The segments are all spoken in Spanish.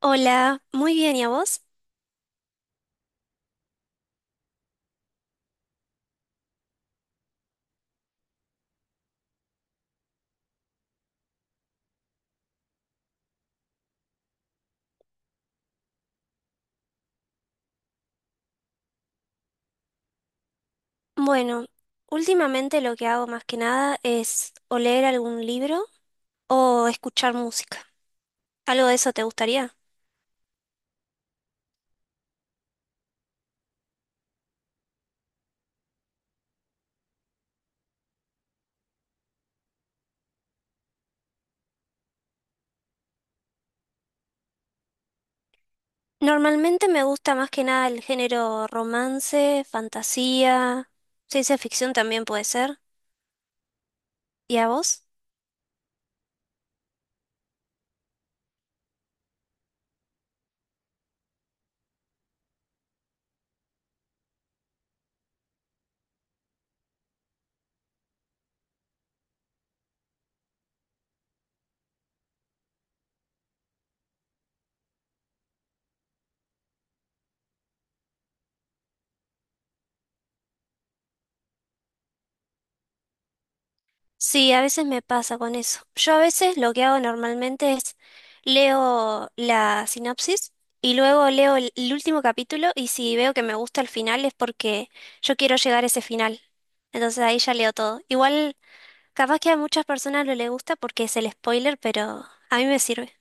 Hola, muy bien, ¿y a vos? Bueno, últimamente lo que hago más que nada es o leer algún libro o escuchar música. ¿Algo de eso te gustaría? Normalmente me gusta más que nada el género romance, fantasía, ciencia ficción también puede ser. ¿Y a vos? Sí, a veces me pasa con eso. Yo a veces lo que hago normalmente es leo la sinopsis y luego leo el último capítulo y si veo que me gusta el final es porque yo quiero llegar a ese final. Entonces ahí ya leo todo. Igual, capaz que a muchas personas no les gusta porque es el spoiler, pero a mí me sirve.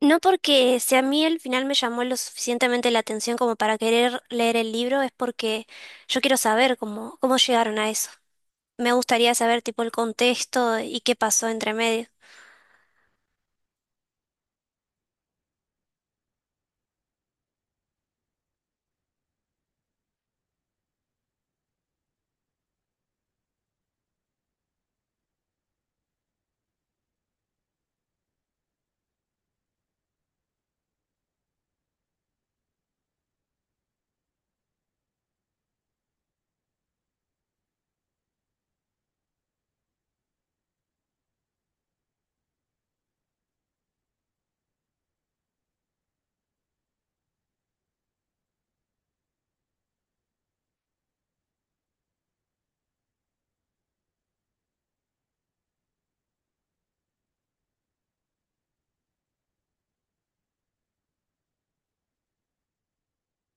No porque si a mí el final me llamó lo suficientemente la atención como para querer leer el libro, es porque yo quiero saber cómo llegaron a eso. Me gustaría saber tipo el contexto y qué pasó entre medio.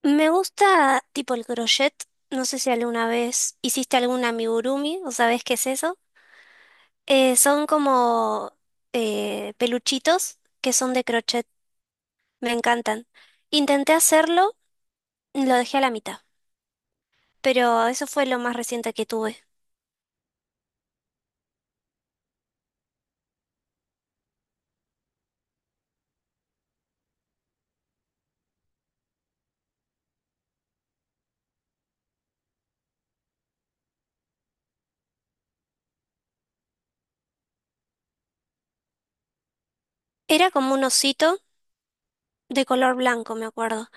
Me gusta tipo el crochet. No sé si alguna vez hiciste algún amigurumi o sabes qué es eso. Son como peluchitos que son de crochet. Me encantan. Intenté hacerlo, lo dejé a la mitad, pero eso fue lo más reciente que tuve. Era como un osito de color blanco, me acuerdo,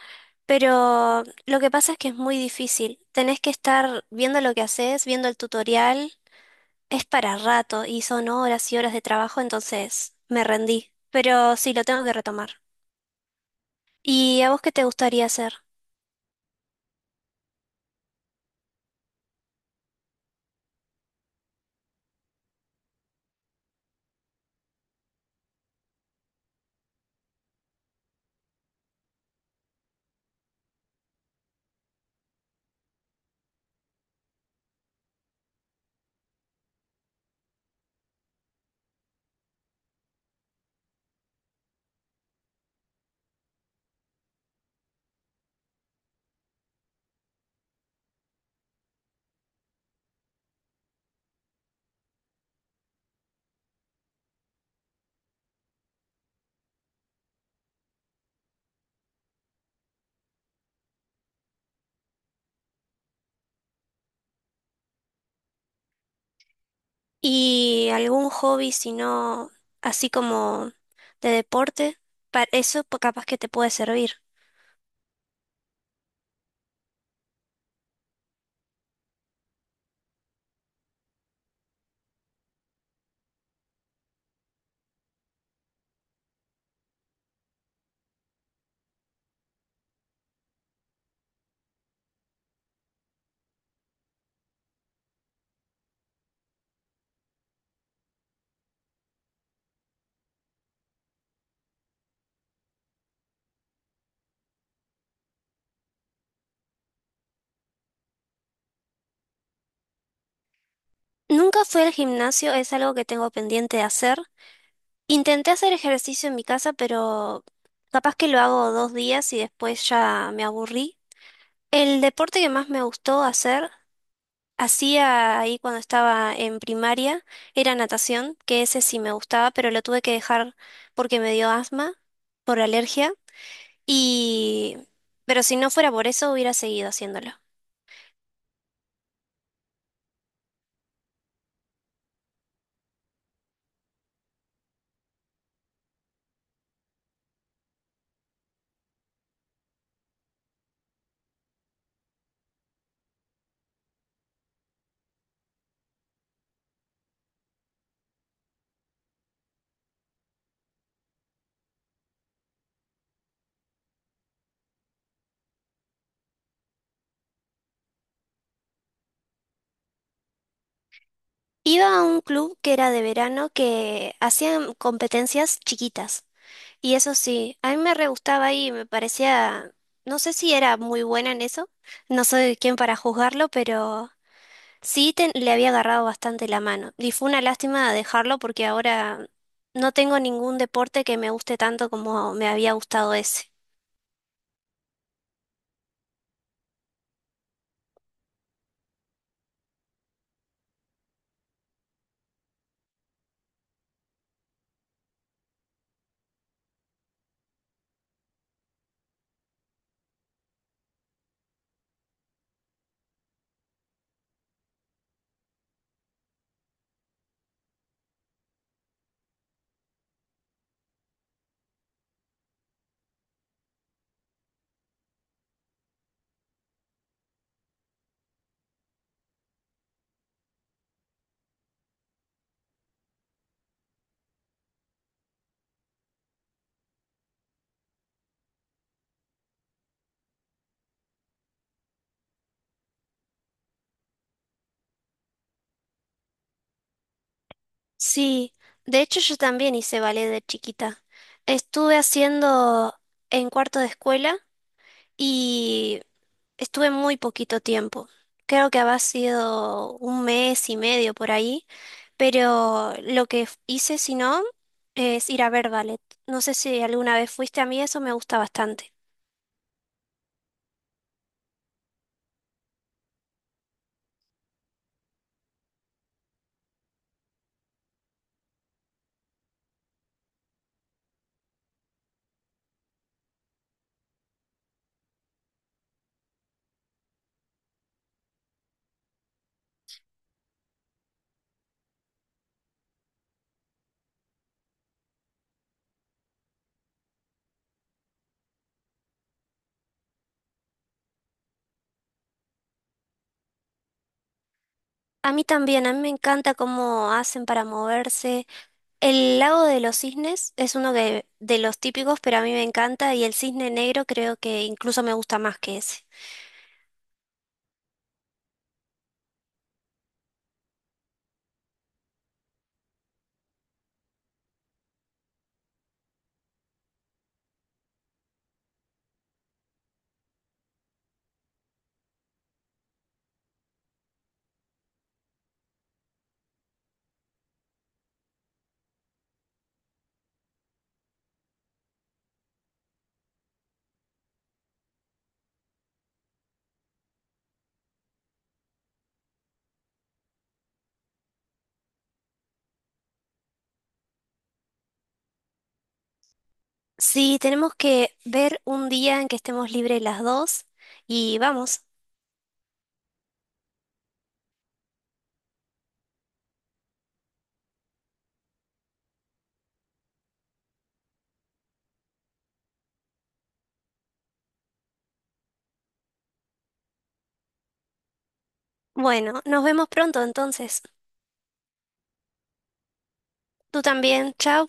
pero lo que pasa es que es muy difícil. Tenés que estar viendo lo que haces, viendo el tutorial. Es para rato y son horas y horas de trabajo, entonces me rendí. Pero sí, lo tengo que retomar. ¿Y a vos qué te gustaría hacer? ¿Y algún hobby, si no, así como de deporte? Para eso pues, capaz que te puede servir. Nunca fui al gimnasio, es algo que tengo pendiente de hacer. Intenté hacer ejercicio en mi casa, pero capaz que lo hago 2 días y después ya me aburrí. El deporte que más me gustó hacer, hacía ahí cuando estaba en primaria, era natación, que ese sí me gustaba, pero lo tuve que dejar porque me dio asma por alergia. Y... Pero si no fuera por eso, hubiera seguido haciéndolo. Iba a un club que era de verano que hacían competencias chiquitas. Y eso sí, a mí me re gustaba y me parecía, no sé si era muy buena en eso, no soy quien para juzgarlo, pero sí le había agarrado bastante la mano. Y fue una lástima dejarlo porque ahora no tengo ningún deporte que me guste tanto como me había gustado ese. Sí, de hecho yo también hice ballet de chiquita. Estuve haciendo en cuarto de escuela y estuve muy poquito tiempo. Creo que había sido un mes y medio por ahí. Pero lo que hice, si no, es ir a ver ballet. No sé si alguna vez fuiste. A mí eso me gusta bastante. A mí también, a mí me encanta cómo hacen para moverse. El Lago de los Cisnes es uno de los típicos, pero a mí me encanta y El Cisne Negro creo que incluso me gusta más que ese. Sí, tenemos que ver un día en que estemos libres las dos y vamos. Bueno, nos vemos pronto entonces. Tú también, chao.